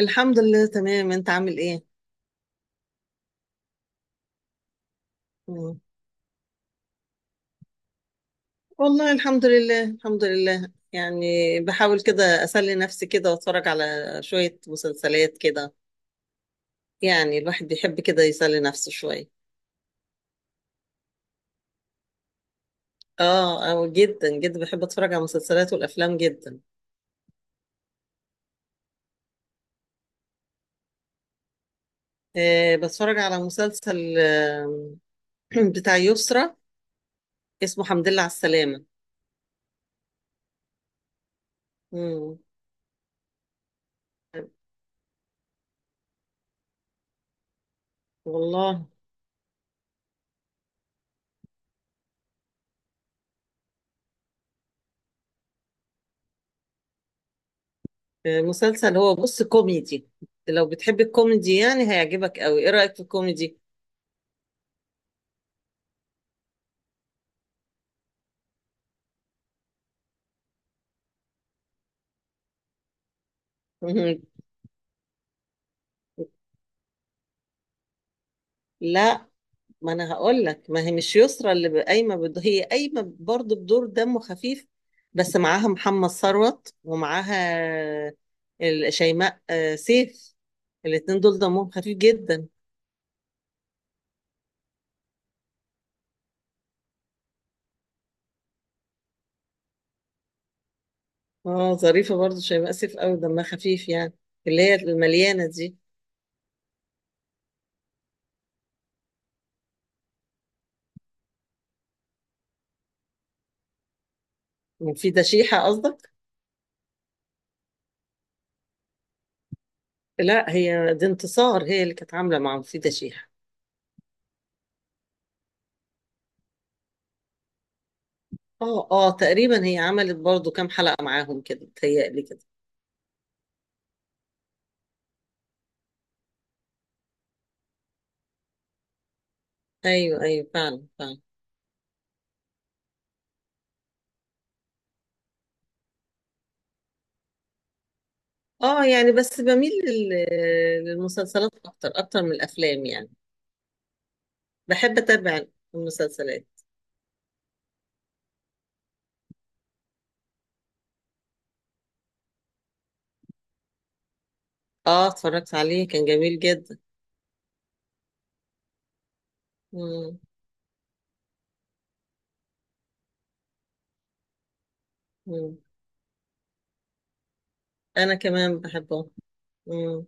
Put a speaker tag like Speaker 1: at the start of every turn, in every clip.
Speaker 1: الحمد لله تمام، انت عامل ايه؟ مم. والله الحمد لله الحمد لله يعني. بحاول كده اسلي نفسي كده واتفرج على شوية مسلسلات كده. يعني الواحد بيحب كده يسلي نفسه شوية. اه اه، جدا جدا بحب اتفرج على المسلسلات والافلام جدا. بتفرج على مسلسل بتاع يسرا، اسمه حمد لله على السلامة. مم. والله. مسلسل هو بص كوميدي. لو بتحب الكوميدي يعني هيعجبك قوي. ايه رأيك في الكوميدي؟ لا، ما انا هقول لك، ما هي مش يسرى اللي ب- قايمه بد... هي قايمه برضه بدور دمه خفيف. بس معاها محمد ثروت، ومعاها شيماء سيف. الاتنين دول دمهم خفيف جدا. اه، ظريفه برضه شيماء سيف، قوي دمها خفيف يعني، اللي هي المليانه دي. مفيده شيحه قصدك؟ لا، هي دي انتصار، هي اللي كانت عامله مع مفيده شيحه. اه اه، تقريبا هي عملت برضه كام حلقه معاهم كده، بتهيألي كده. ايوه ايوه، فعلا فعلا. اه، يعني بس بميل للمسلسلات اكتر اكتر من الافلام يعني. بحب اتابع المسلسلات. اه، اتفرجت عليه كان جميل جدا. مم. مم. انا كمان بحبه. مم.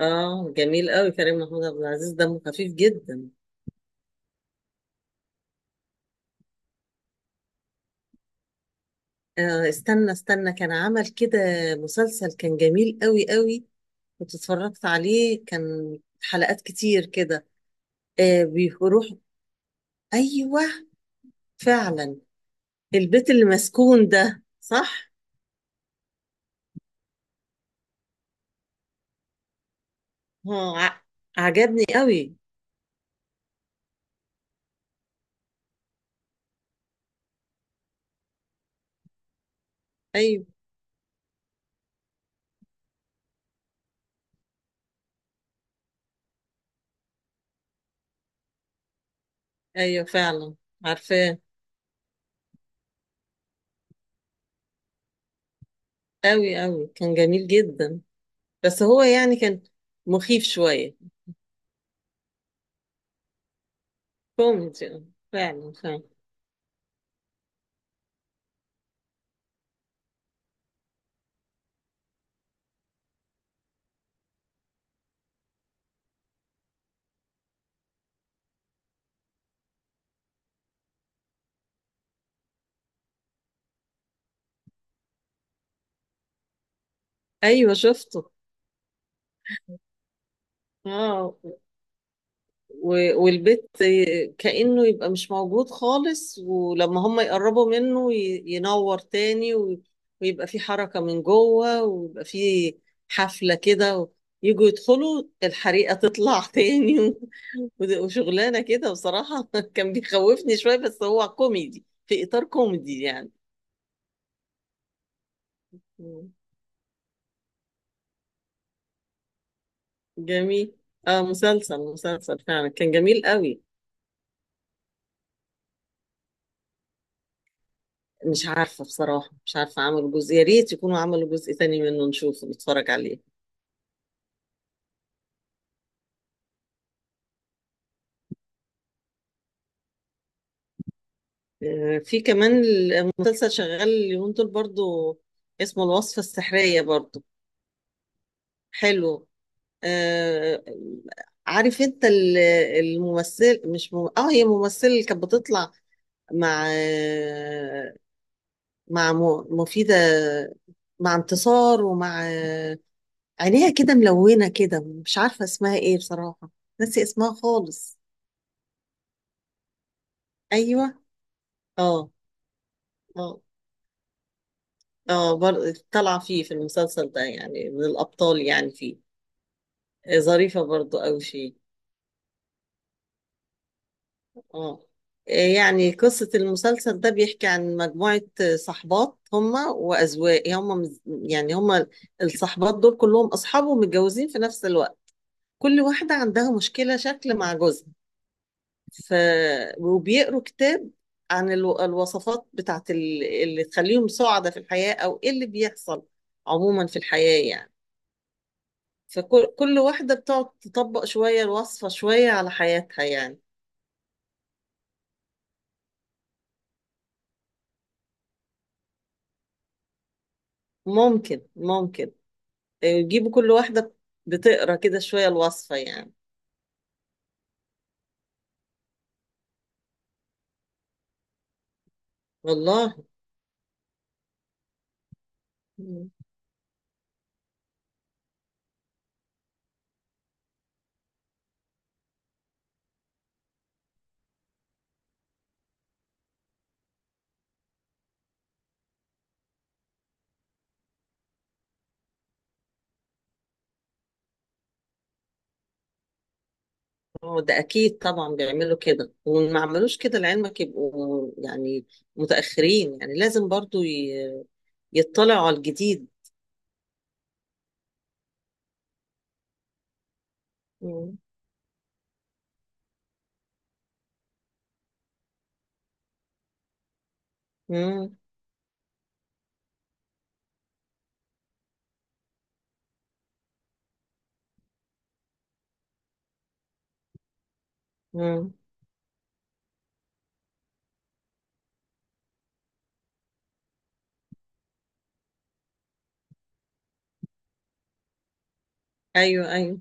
Speaker 1: اه، جميل قوي كريم محمود عبد العزيز، دمه خفيف جدا. استنى استنى، كان عمل كده مسلسل كان جميل قوي قوي. كنت اتفرجت عليه، كان حلقات كتير كده. بيروح. ايوه فعلا. البيت اللي مسكون ده، صح؟ اه، عجبني قوي. ايوه ايوه فعلا. عارفاه. قوي قوي، كان جميل جدا. بس هو يعني كان مخيف شوية. كوميدي، آه. فعلا فعلا. ايوه شفته. اه، والبيت كأنه يبقى مش موجود خالص، ولما هم يقربوا منه ينور تاني، ويبقى في حركة من جوه، ويبقى في حفلة كده، يجوا يدخلوا، الحريقة تطلع تاني، وشغلانة كده بصراحة. كان بيخوفني شوية، بس هو كوميدي في إطار كوميدي يعني. مم. جميل. اه، مسلسل مسلسل فعلا كان جميل قوي. مش عارفة بصراحة، مش عارفة عملوا جزء، يا ريت يكونوا عملوا جزء تاني منه نشوفه نتفرج عليه. في كمان المسلسل شغال اليومين دول برضو، اسمه الوصفة السحرية برضو. حلو. آه، عارف انت الممثل؟ مش مم... اه، هي ممثلة اللي كانت بتطلع مع مع مفيدة، مع انتصار، ومع عينيها كده ملونة كده. مش عارفة اسمها ايه بصراحة. ناسي اسمها خالص. ايوه. اه اه اه، برضه طالعة فيه في المسلسل ده يعني، من الأبطال يعني فيه. ظريفة برضه أوي فيه. اه. يعني قصة المسلسل ده بيحكي عن مجموعة صحبات هما وأزواج هما يعني هما الصحبات دول كلهم أصحاب ومتجوزين في نفس الوقت. كل واحدة عندها مشكلة شكل مع جوزها. ف وبيقروا كتاب عن الوصفات بتاعت اللي تخليهم سعداء في الحياة، أو إيه اللي بيحصل عموما في الحياة يعني. فكل واحدة بتقعد تطبق شوية الوصفة، شوية على حياتها يعني. ممكن ممكن، يجيبوا كل واحدة بتقرا كده شوية الوصفة يعني. والله. مم. هو ده أكيد طبعا بيعملوا كده، وما عملوش كده لعلمك يبقوا يعني متأخرين، يعني لازم برضو يطلعوا على الجديد. مم. مم. مم. أيوه أيوه،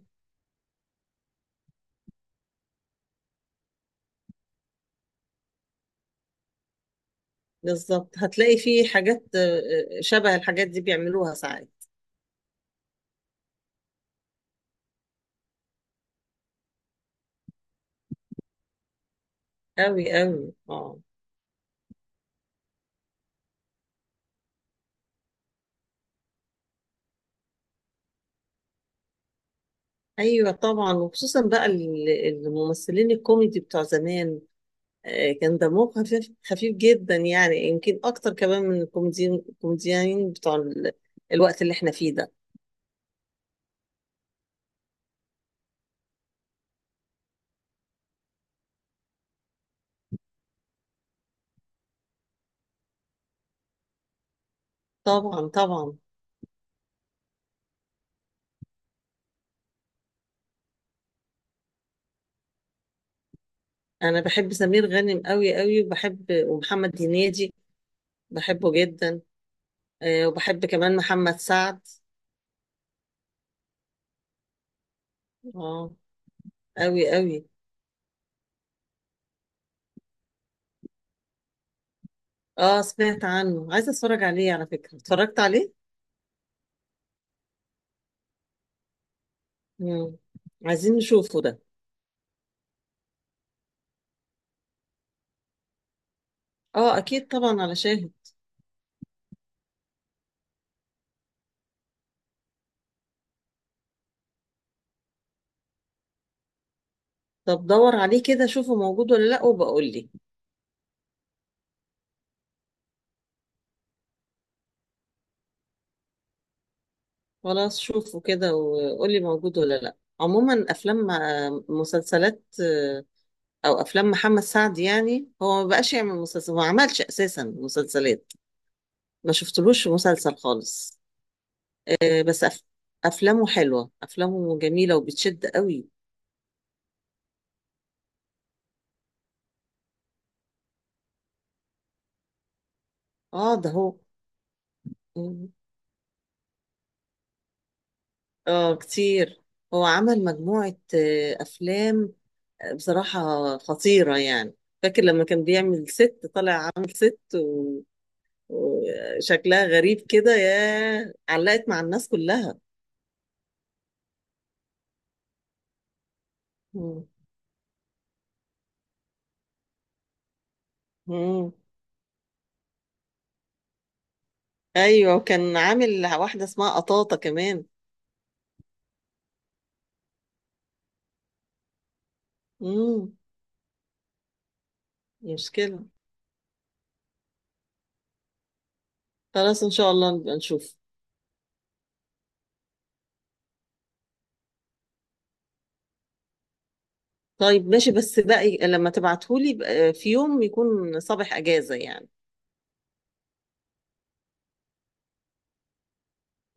Speaker 1: بالظبط هتلاقي في حاجات شبه الحاجات دي بيعملوها ساعات. أوي أوي، اه. ايوه طبعا، وخصوصا بقى الممثلين الكوميدي بتوع زمان، كان دمهم خفيف خفيف جدا يعني، يمكن اكتر كمان من الكوميديين الكوميديين بتوع الوقت اللي احنا فيه ده. طبعا طبعا. انا بحب سمير غانم قوي قوي، وبحب ومحمد هنيدي، بحبه جدا. وبحب كمان محمد سعد. اه. قوي قوي. اه، سمعت عنه، عايزه اتفرج عليه، على فكره اتفرجت عليه. مم. عايزين نشوفه ده. اه اكيد طبعا على شاهد. طب دور عليه كده، شوفه موجود ولا لا، وبقول لي. خلاص، شوفه كده وقول لي موجود ولا لا. عموما افلام، مسلسلات، او افلام محمد سعد، يعني هو ما بقاش يعمل مسلسل، ما عملش اساسا مسلسلات، ما شفتلوش في مسلسل خالص. بس افلامه حلوه، افلامه جميله وبتشد قوي. اه، ده هو. اه كتير، هو عمل مجموعه افلام بصراحة خطيرة يعني. فاكر لما كان بيعمل ست، طالع عامل ست وشكلها غريب كده، يا علقت مع الناس كلها. مم. مم. ايوه، وكان عامل واحدة اسمها قطاطة كمان. مم. مشكلة. خلاص ان شاء الله نبقى نشوف. طيب ماشي، بس بقى لما تبعتهولي بقى في يوم يكون صباح اجازة يعني.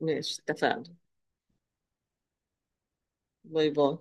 Speaker 1: ماشي اتفقنا. باي باي.